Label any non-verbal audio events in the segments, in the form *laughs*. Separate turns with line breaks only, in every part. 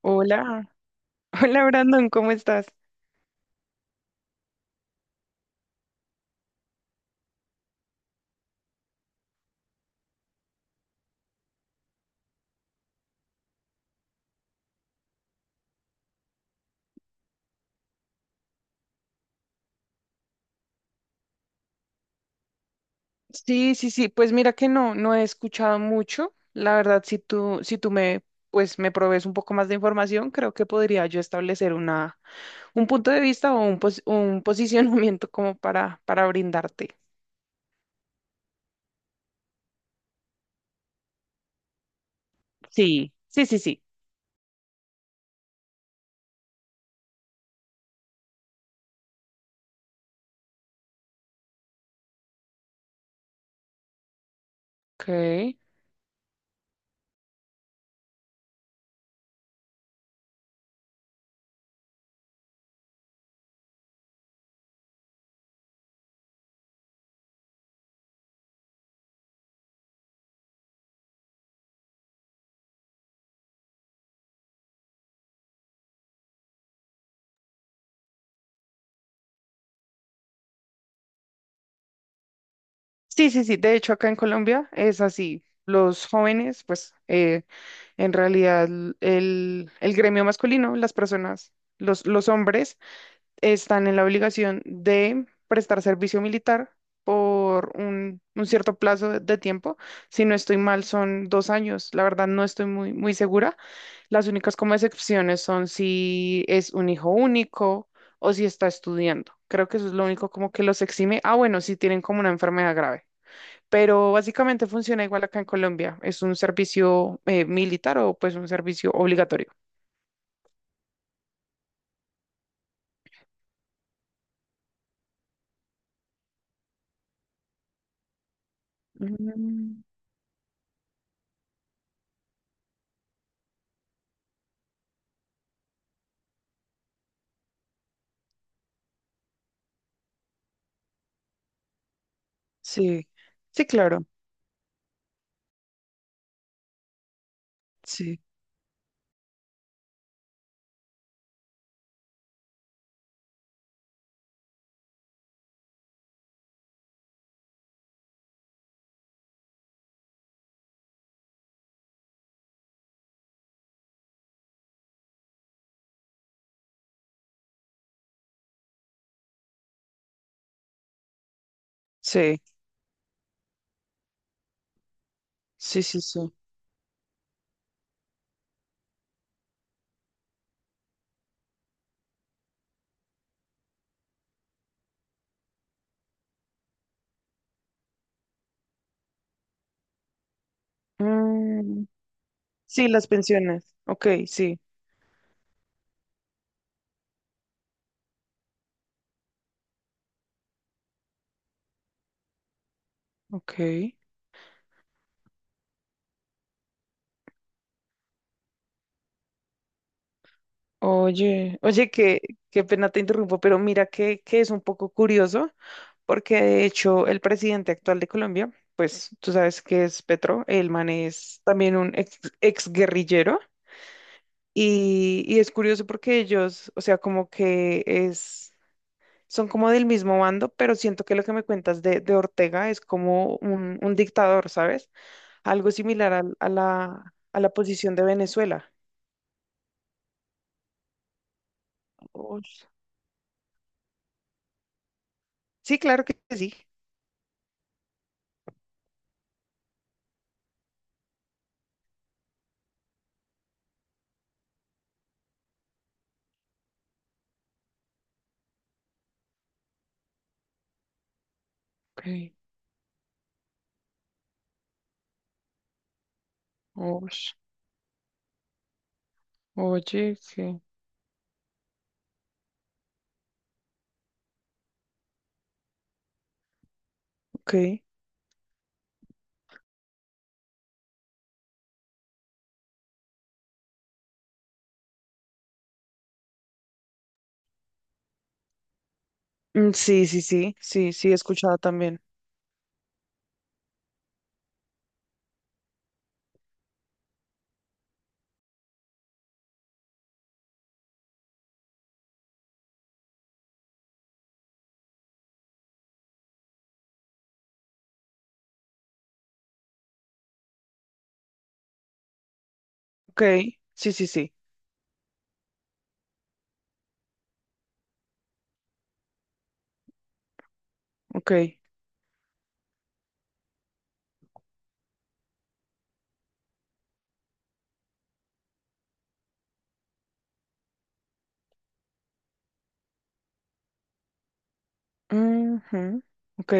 Hola, *laughs* hola Brandon, ¿cómo estás? Sí, sí, sí, pues mira que no he escuchado mucho. La verdad, si tú me, pues me provees un poco más de información, creo que podría yo establecer un punto de vista o un *laughs* posicionamiento como para brindarte. Sí, sí, sí, sí. Ok. Sí, sí, sí. De hecho, acá en Colombia es así. Los jóvenes, pues en realidad el gremio masculino, las personas, los hombres están en la obligación de prestar servicio militar por un cierto plazo de tiempo. Si no estoy mal, son 2 años. La verdad, no estoy muy, muy segura. Las únicas como excepciones son si es un hijo único o si está estudiando. Creo que eso es lo único como que los exime. Ah, bueno, si tienen como una enfermedad grave. Pero básicamente funciona igual acá en Colombia. Es un servicio militar o pues un servicio obligatorio. Mm, sí, sí, claro. Sí, sí. Sí, sí, sí. Mm, sí, las pensiones. Ok, sí. Ok. Oye, oye, qué pena te interrumpo, pero mira que es un poco curioso, porque de hecho el presidente actual de Colombia, pues tú sabes que es Petro, el man es también un ex guerrillero, y es curioso porque ellos, o sea, como que es. Son como del mismo bando, pero siento que lo que me cuentas de Ortega es como un dictador, ¿sabes? Algo similar a la posición de Venezuela. Ush, sí, claro que sí. Okay, ush. Oye, que ok. Mm, sí, sí, sí, sí, sí, he escuchado también. Ok, sí, sí, sí, ok. Ujú. Ok,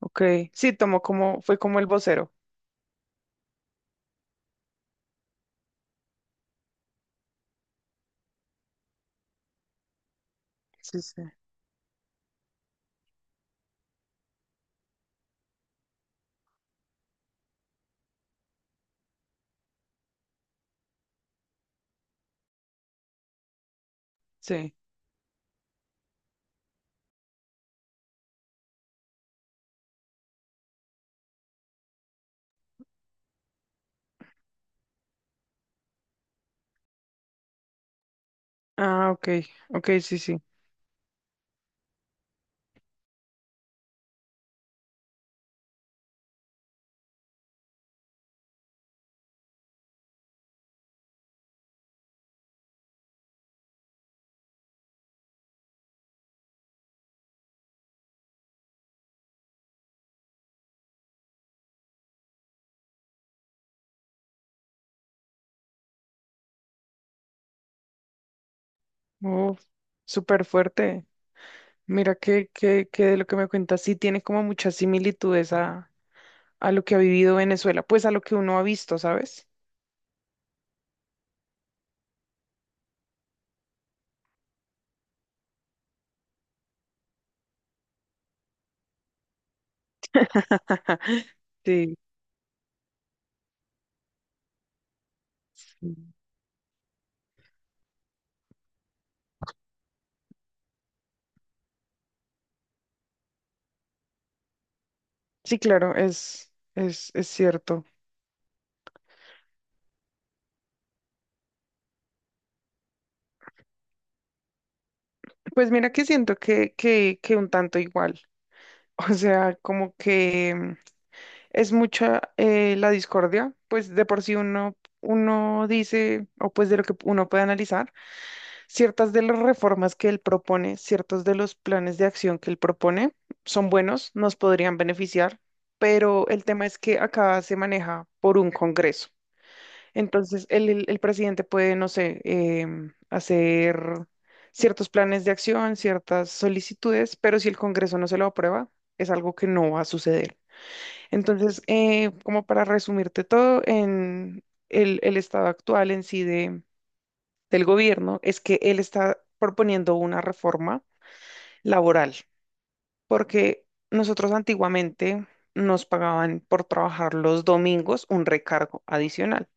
ok. Sí, tomó como, fue como el vocero. Sí, sí, sí. Ah, ok, ok, sí, sí. Uf, súper fuerte. Mira que de lo que me cuentas sí tiene como muchas similitudes a lo que ha vivido Venezuela, pues a lo que uno ha visto, ¿sabes? *laughs* Sí, sí, sí, claro, es cierto. Pues mira que siento que un tanto igual. *laughs* O sea, como que es mucha la discordia, pues de por sí uno dice, o pues de lo que uno puede analizar. Ciertas de las reformas que él propone, ciertos de los planes de acción que él propone son buenos, nos podrían beneficiar, pero el tema es que acá se maneja por un Congreso. Entonces, el presidente puede, no sé, hacer ciertos planes de acción, ciertas solicitudes, pero si el Congreso no se lo aprueba, es algo que no va a suceder. Entonces, como para resumirte todo, en el estado actual en sí del gobierno es que él está proponiendo una reforma laboral, porque nosotros antiguamente nos pagaban por trabajar los domingos un recargo adicional.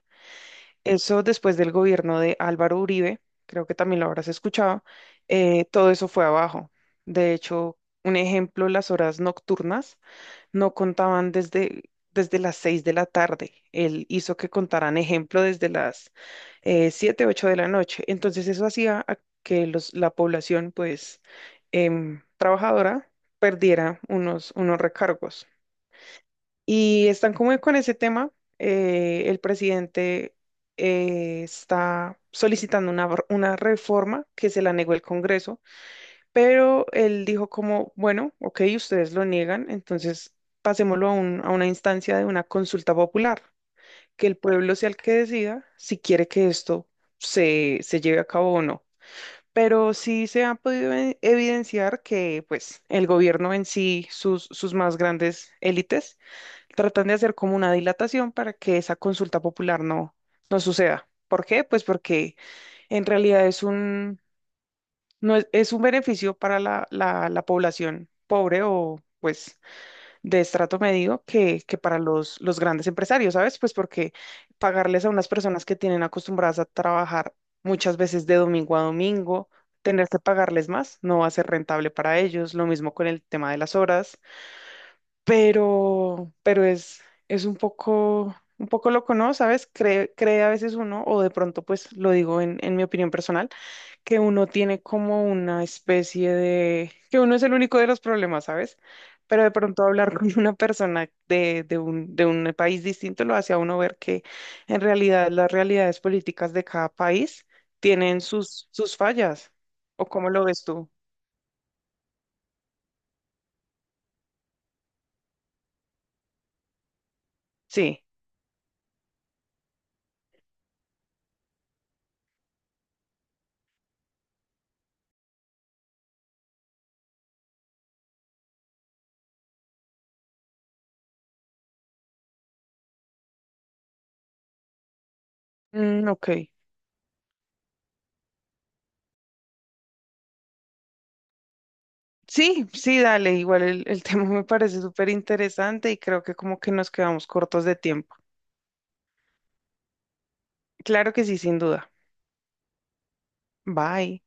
Eso después del gobierno de Álvaro Uribe, creo que también lo habrás escuchado, todo eso fue abajo. De hecho, un ejemplo, las horas nocturnas no contaban desde las 6 de la tarde. Él hizo que contaran ejemplo desde las 7, 8 de la noche. Entonces eso hacía a que la población, pues, trabajadora perdiera unos recargos. Y están como con ese tema. El presidente está solicitando una reforma que se la negó el Congreso pero él dijo como, bueno, ok, ustedes lo niegan, entonces pasémoslo a una instancia de una consulta popular, que el pueblo sea el que decida si quiere que esto se lleve a cabo o no. Pero sí se ha podido evidenciar que pues el gobierno en sí, sus más grandes élites, tratan de hacer como una dilatación para que esa consulta popular no suceda. ¿Por qué? Pues porque en realidad es no es un beneficio para la población pobre o pues de estrato medio que para los grandes empresarios, ¿sabes? Pues porque pagarles a unas personas que tienen acostumbradas a trabajar muchas veces de domingo a domingo, tener que pagarles más, no va a ser rentable para ellos, lo mismo con el tema de las horas, pero es un poco loco, ¿no? ¿Sabes? Cree a veces uno, o de pronto pues lo digo en mi opinión personal que uno tiene como una especie de, que uno es el único de los problemas, ¿sabes? Pero de pronto hablar *laughs* con una persona de un país distinto lo hace a uno ver que en realidad las realidades políticas de cada país tienen sus fallas. ¿O cómo lo ves tú? Sí. Mm, ok. Sí, sí, dale. Igual el *laughs* tema me parece súper interesante y creo que como que nos quedamos cortos de tiempo. Claro que sí, sin duda. Bye.